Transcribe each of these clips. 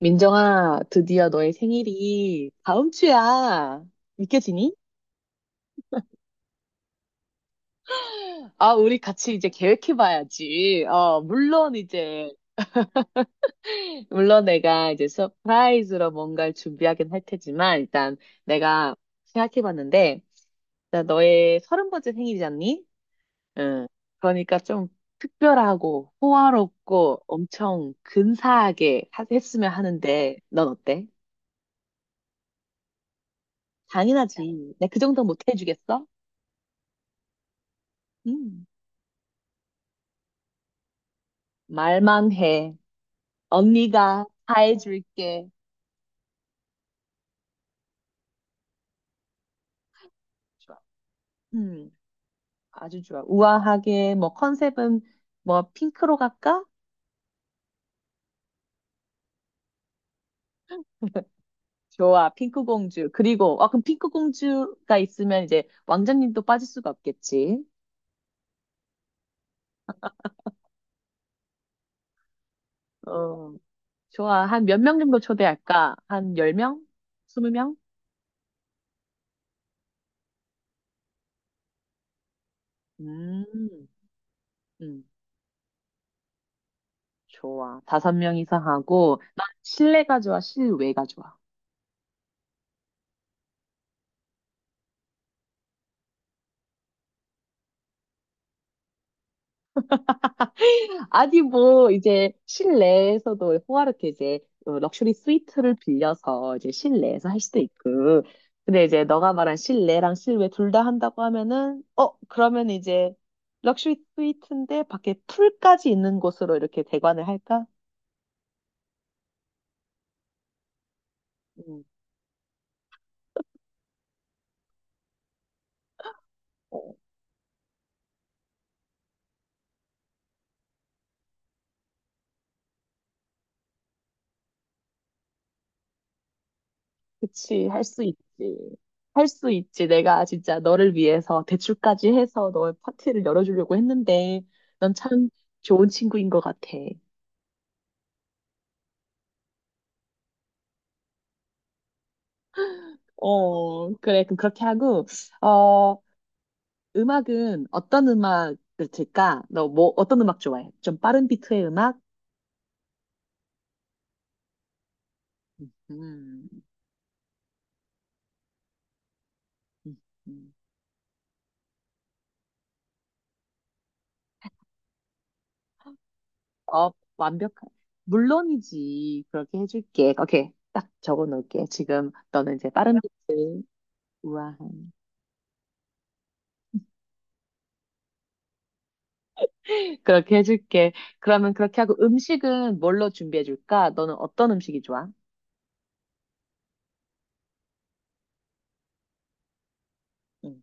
민정아, 드디어 너의 생일이 다음 주야. 믿겨지니? 아, 우리 같이 이제 계획해봐야지. 물론 내가 이제 서프라이즈로 뭔가를 준비하긴 할 테지만, 일단 내가 생각해봤는데, 일단 너의 30번째 생일이잖니? 응. 그러니까 좀 특별하고 호화롭고 엄청 근사하게 했으면 하는데, 넌 어때? 당연하지. 내가 그 정도 못 해주겠어? 음. 말만 해. 언니가 다 해줄게. 좋아. 음, 아주 좋아. 우아하게, 뭐, 컨셉은, 뭐, 핑크로 갈까? 좋아, 핑크 공주. 그리고, 아, 그럼 핑크 공주가 있으면 이제 왕자님도 빠질 수가 없겠지. 어, 좋아. 한 몇 명 정도 초대할까? 한 10명? 20명? 음, 음, 좋아. 다섯 명이서 하고, 난 실내가 좋아, 실외가 좋아. 아니, 뭐, 이제, 실내에서도 호화롭게 이제, 럭셔리 스위트를 빌려서 이제 실내에서 할 수도 있고. 근데 이제, 너가 말한 실내랑 실외 둘 다 한다고 하면은, 그러면 이제, 럭셔리 스위트인데, 밖에 풀까지 있는 곳으로 이렇게 대관을 할까? 음, 어, 그치, 할 수 있지. 할 수 있지. 내가 진짜 너를 위해서 대출까지 해서 너의 파티를 열어주려고 했는데, 넌 참 좋은 친구인 것 같아. 그래. 그럼 그렇게 하고, 어, 음악은 어떤 음악을 들까? 너 뭐, 어떤 음악 좋아해? 좀 빠른 비트의 음악? 음, 음, 음. 어, 완벽한. 물론이지. 그렇게 해줄게. 오케이. 딱 적어 놓을게. 지금 너는 이제 빠른 비트. 우와. 그렇게 해줄게. 그러면 그렇게 하고 음식은 뭘로 준비해 줄까? 너는 어떤 음식이 좋아? 응.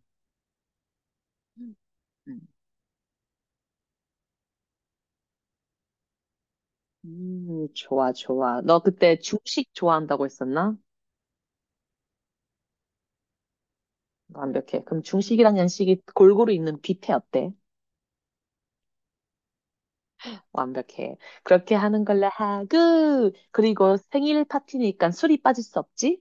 응. 좋아, 좋아. 너 그때 중식 좋아한다고 했었나? 완벽해. 그럼 중식이랑 양식이 골고루 있는 뷔페 어때? 완벽해. 그렇게 하는 걸로 하고, 그리고 생일 파티니까 술이 빠질 수 없지?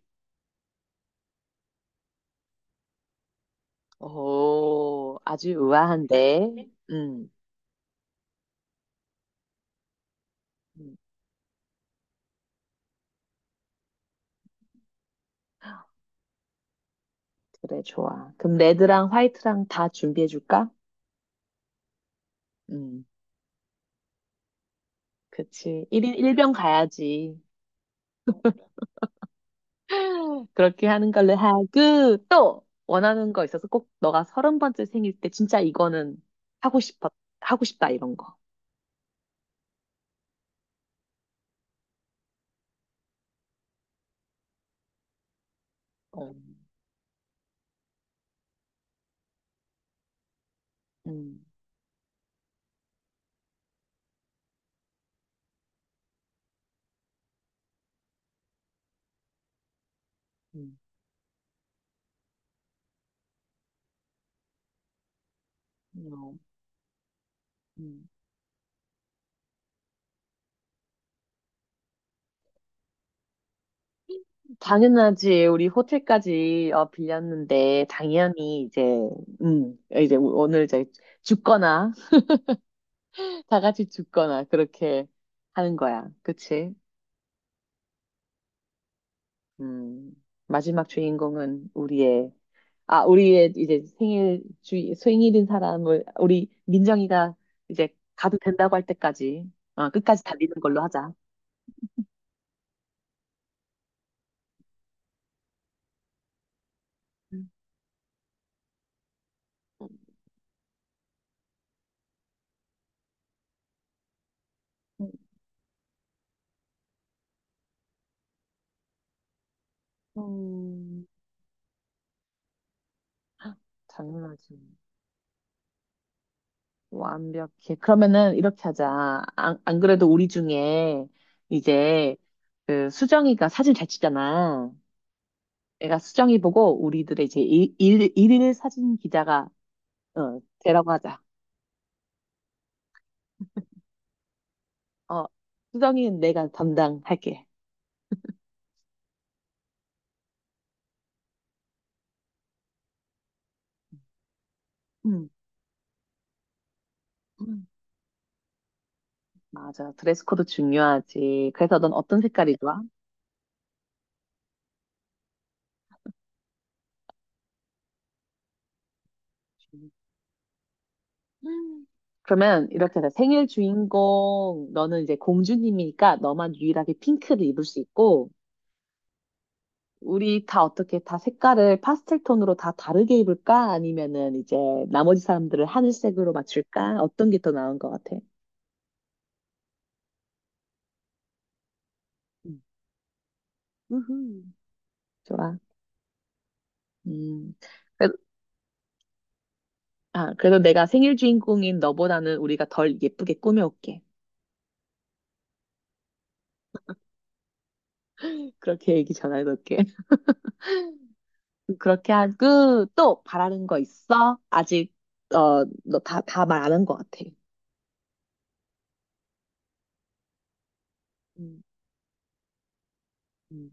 오, 아주 우아한데. 음, 그래, 좋아. 그럼 레드랑 화이트랑 다 준비해줄까? 음, 그치. 1인 일 병 가야지. 그렇게 하는 걸로 하고, 또 원하는 거 있어서 꼭 너가 30번째 생일 때 진짜 이거는 하고 싶어, 하고 싶다, 이런 거. 어. 음. 음. 어, 음. 당연하지. 우리 호텔까지 빌렸는데 당연히 이제 이제 오늘 이제 죽거나 다 같이 죽거나 그렇게 하는 거야. 그치? 음 마지막 주인공은 우리의 이제 생일 주 생일인 사람을 우리 민정이가 이제 가도 된다고 할 때까지 끝까지 달리는 걸로 하자. 음, 음, 음. 당연하지. 완벽해. 그러면은 이렇게 하자. 안 그래도 우리 중에 이제 그 수정이가 사진 잘 찍잖아. 내가 수정이 보고 우리들의 이제 일일 사진 기자가 되라고 하자. 어, 수정이는 내가 담당할게. 음. 음. 맞아. 드레스 코드 중요하지. 그래서 넌 어떤 색깔이 좋아? 음. 그러면 이렇게 하자. 생일 주인공 너는 이제 공주님이니까 너만 유일하게 핑크를 입을 수 있고 우리 다 어떻게 다 색깔을 파스텔 톤으로 다 다르게 입을까? 아니면은 이제 나머지 사람들을 하늘색으로 맞출까? 어떤 게 더 나은 것 같아? 음. 우후. 좋아. 음. 그래- 아, 그래도 내가 생일 주인공인 너보다는 우리가 덜 예쁘게 꾸며올게. 그렇게 얘기 전해놓을게. 그렇게 하고 또 바라는 거 있어? 아직 너 다 말 안 한 것 같아. 음, 음.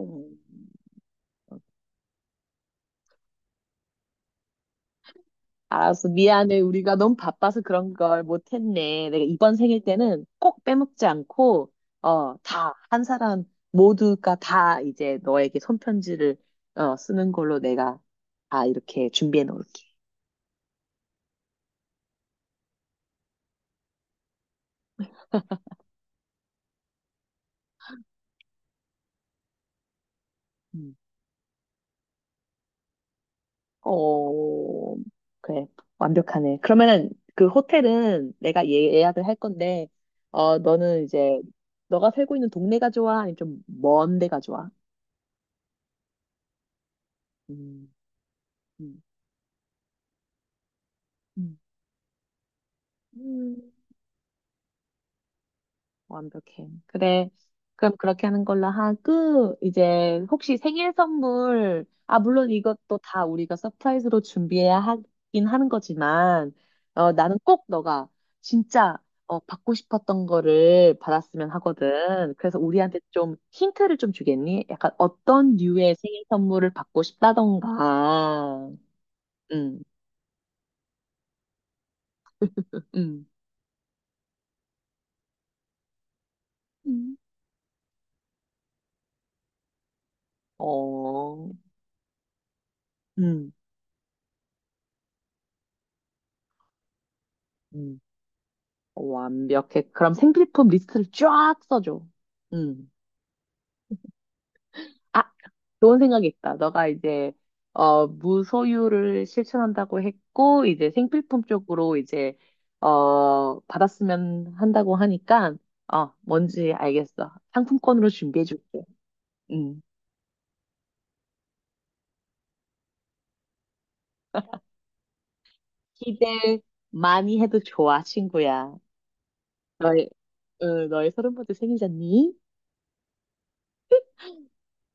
음. 알았어. 미안해. 우리가 너무 바빠서 그런 걸 못했네. 내가 이번 생일 때는 꼭 빼먹지 않고, 한 사람 모두가 다 이제 너에게 손편지를, 쓰는 걸로 내가 다 이렇게 준비해 놓을게. 음. 어, 그래. 완벽하네. 그러면은 그 호텔은 내가 예약을 할 건데, 너는 이제, 너가 살고 있는 동네가 좋아? 아니면 좀 먼 데가 좋아? 음, 음, 음. 음, 완벽해. 그래. 그럼 그렇게 하는 걸로 하고, 이제 혹시 생일 선물, 아, 물론 이것도 다 우리가 서프라이즈로 준비해야 하긴 하는 거지만, 나는 꼭 너가 진짜, 받고 싶었던 거를 받았으면 하거든. 그래서 우리한테 좀 힌트를 좀 주겠니? 약간 어떤 류의 생일 선물을 받고 싶다던가. 음, 음, 음. 어, 음, 음. 완벽해. 그럼 생필품 리스트를 쫙 써줘. 음. 아, 좋은 생각이 있다. 너가 이제, 무소유를 실천한다고 했고, 이제 생필품 쪽으로 이제, 받았으면 한다고 하니까, 뭔지 알겠어. 상품권으로 준비해줄게. 음. 기대 많이 해도 좋아, 친구야. 너의, 너의 30번째 생일잖니?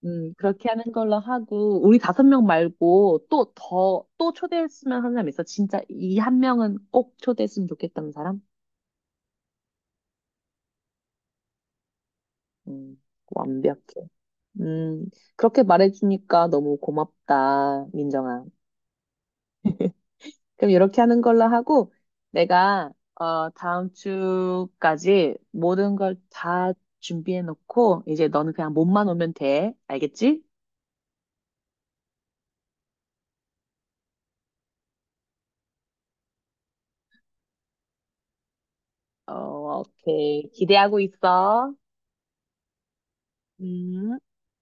그렇게 하는 걸로 하고, 우리 다섯 명 말고 또 초대했으면 하는 사람 있어? 진짜 이 한 명은 꼭 초대했으면 좋겠다는 사람? 음, 완벽해. 음, 그렇게 말해주니까 너무 고맙다, 민정아. 그럼 이렇게 하는 걸로 하고, 내가, 다음 주까지 모든 걸 다 준비해놓고, 이제 너는 그냥 몸만 오면 돼. 알겠지? 오케이. 기대하고 있어. 음.